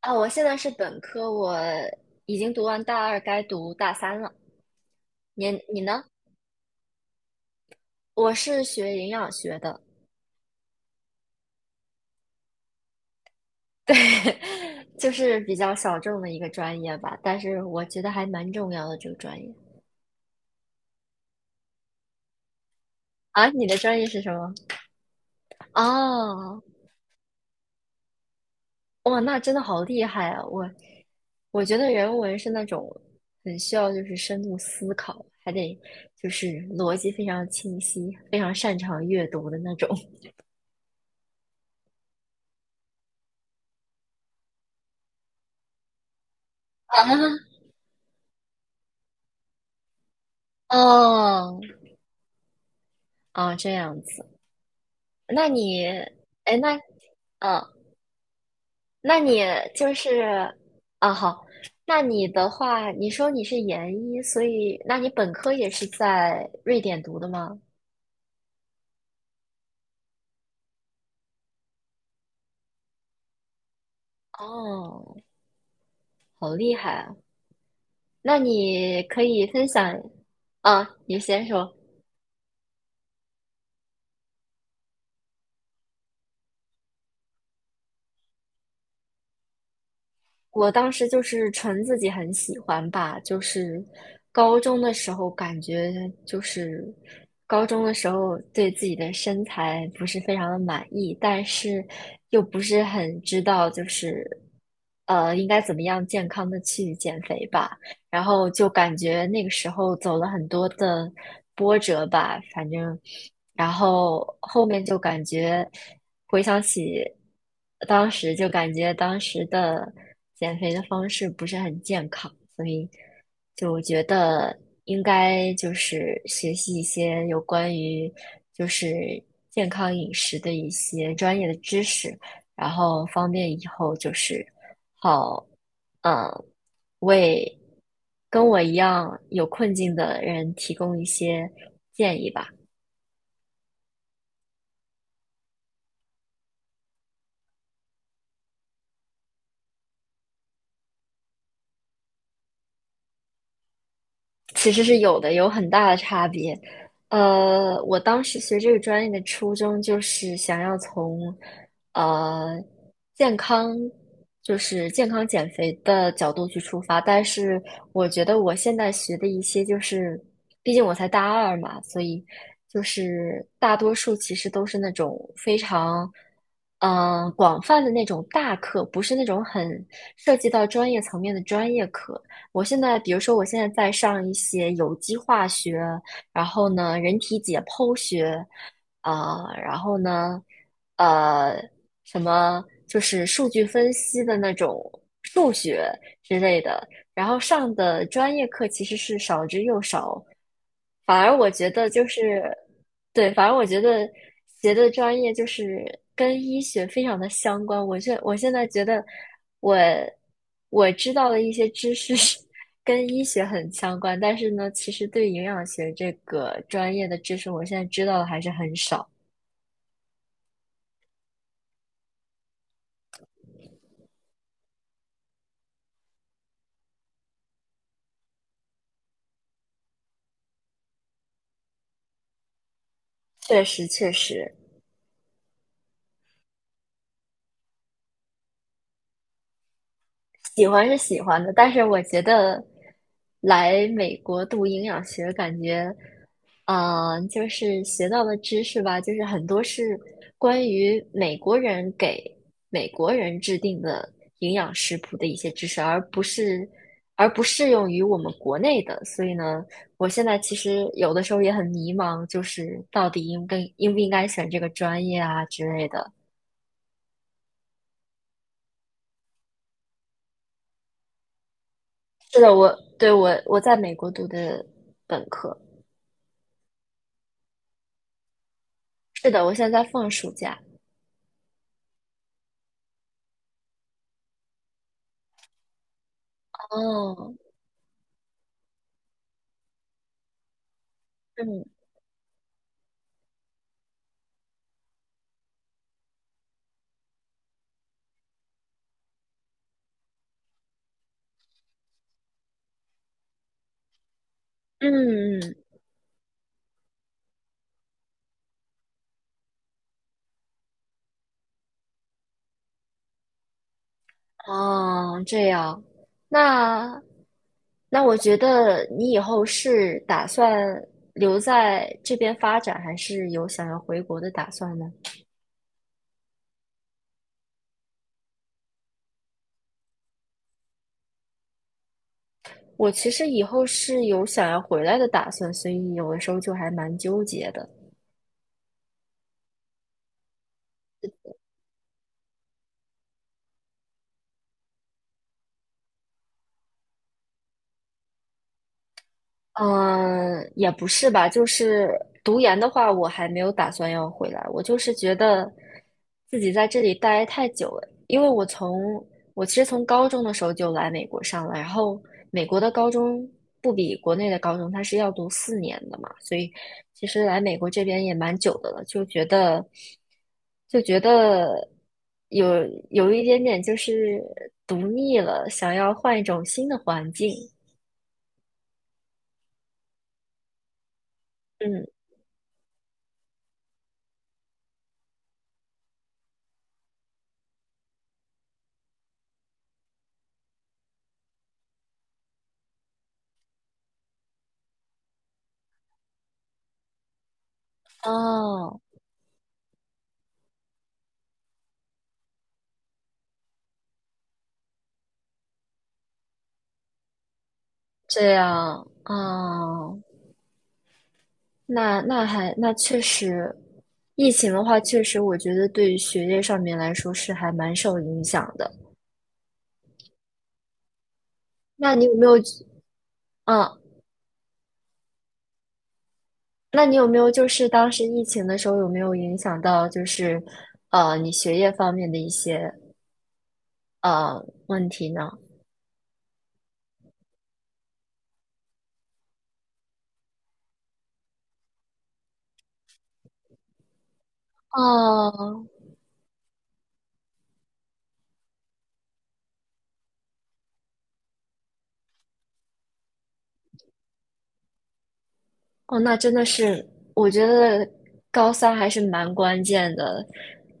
啊，我现在是本科，我已经读完大二，该读大三了。你呢？我是学营养学的，对，就是比较小众的一个专业吧，但是我觉得还蛮重要的这个专业。啊，你的专业是什么？哦，哇，那真的好厉害啊！我觉得人文是那种很需要就是深度思考，还得就是逻辑非常清晰，非常擅长阅读的那种。啊，哦，哦，这样子。那你，哎，那，嗯，那你就是，啊，好，那你的话，你说你是研一，所以，那你本科也是在瑞典读的吗？哦，好厉害啊！那你可以分享，啊，你先说。我当时就是纯自己很喜欢吧，就是高中的时候感觉就是高中的时候对自己的身材不是非常的满意，但是又不是很知道就是应该怎么样健康的去减肥吧，然后就感觉那个时候走了很多的波折吧，反正然后后面就感觉。回想起当时，就感觉当时的减肥的方式不是很健康，所以就我觉得应该就是学习一些有关于就是健康饮食的一些专业的知识，然后方便以后就是好，嗯，为跟我一样有困境的人提供一些建议吧。其实是有的，有很大的差别。我当时学这个专业的初衷就是想要从呃健康，就是健康减肥的角度去出发，但是我觉得我现在学的一些就是，毕竟我才大二嘛，所以就是大多数其实都是那种非常。嗯，广泛的那种大课，不是那种很涉及到专业层面的专业课，我现在，比如说，我现在在上一些有机化学，然后呢，人体解剖学，啊、然后呢，呃，什么就是数据分析的那种数学之类的，然后上的专业课其实是少之又少，反而我觉得就是，对，反而我觉得学的专业就是跟医学非常的相关。我现在觉得我我知道的一些知识是 跟医学很相关，但是呢，其实对营养学这个专业的知识，我现在知道的还是很少。确实，确实。喜欢是喜欢的，但是我觉得来美国读营养学，感觉，嗯、就是学到的知识吧，就是很多是关于美国人给美国人制定的营养食谱的一些知识，而不是而不适用于我们国内的。所以呢，我现在其实有的时候也很迷茫，就是到底应该应不应该选这个专业啊之类的。是的，我对我在美国读的本科。是的，我现在在放暑假。哦，嗯嗯嗯，哦，这样，那那我觉得你以后是打算留在这边发展，还是有想要回国的打算呢？我其实以后是有想要回来的打算，所以有的时候就还蛮纠结的。嗯，也不是吧，就是读研的话，我还没有打算要回来。我就是觉得自己在这里待太久了，因为我从我其实从高中的时候就来美国上了，然后美国的高中不比国内的高中，它是要读4年的嘛，所以其实来美国这边也蛮久的了，就觉得有有一点点就是读腻了，想要换一种新的环境。嗯，哦。这样啊，那那还那确实，疫情的话，确实我觉得对于学业上面来说是还蛮受影响的。那你有没有，嗯，那你有没有就是当时疫情的时候有没有影响到就是，你学业方面的一些问题呢？哦，哦，那真的是，我觉得高三还是蛮关键的，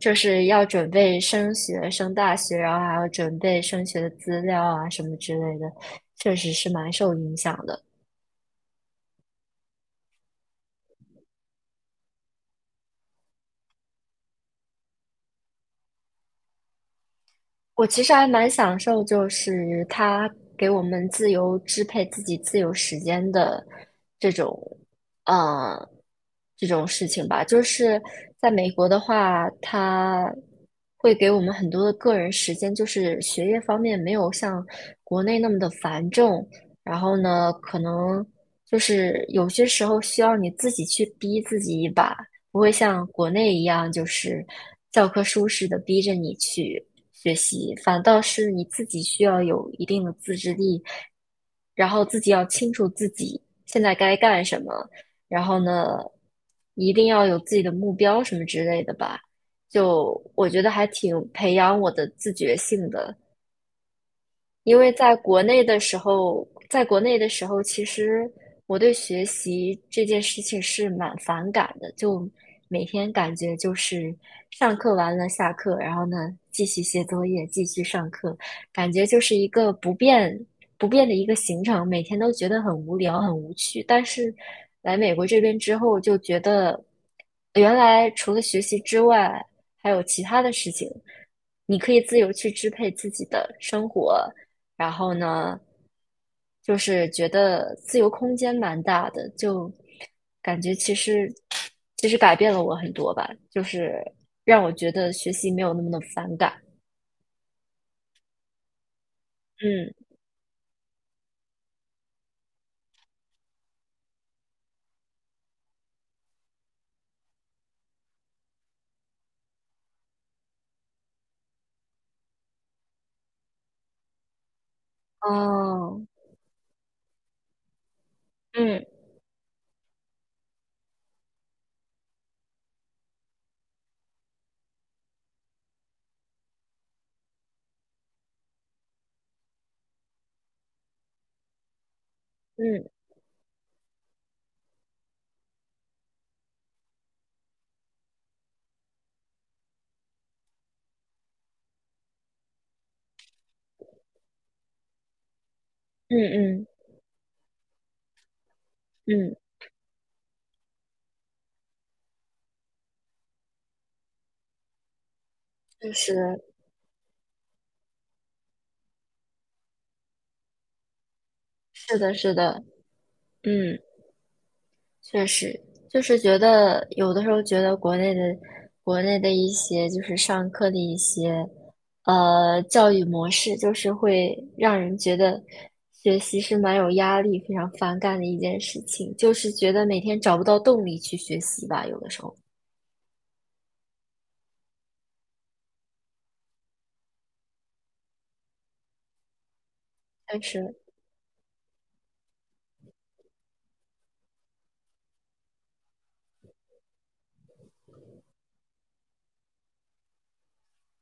就是要准备升学、升大学，然后还要准备升学的资料啊什么之类的，确实是蛮受影响的。我其实还蛮享受，就是他给我们自由支配自己自由时间的这种，呃，这种事情吧。就是在美国的话，他会给我们很多的个人时间，就是学业方面没有像国内那么的繁重。然后呢，可能就是有些时候需要你自己去逼自己一把，不会像国内一样就是教科书似的逼着你去学习，反倒是你自己需要有一定的自制力，然后自己要清楚自己现在该干什么，然后呢，一定要有自己的目标什么之类的吧。就我觉得还挺培养我的自觉性的，因为在国内的时候，在国内的时候，其实我对学习这件事情是蛮反感的，就每天感觉就是上课完了下课，然后呢继续写作业，继续上课，感觉就是一个不变的一个行程，每天都觉得很无聊、很无趣。但是来美国这边之后，就觉得原来除了学习之外，还有其他的事情。你可以自由去支配自己的生活，然后呢，就是觉得自由空间蛮大的，就感觉其实改变了我很多吧，就是让我觉得学习没有那么的反感。嗯，哦，嗯嗯嗯嗯嗯，就是是的，是的，嗯。确实，就是觉得有的时候觉得国内的一些就是上课的一些教育模式，就是会让人觉得学习是蛮有压力、非常反感的一件事情，就是觉得每天找不到动力去学习吧，有的时候。但是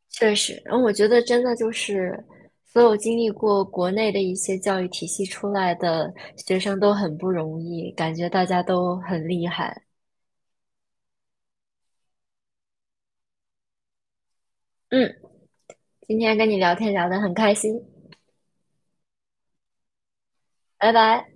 确实，然后我觉得真的就是所有经历过国内的一些教育体系出来的学生都很不容易，感觉大家都很厉害。嗯。今天跟你聊天聊得很开心，拜拜。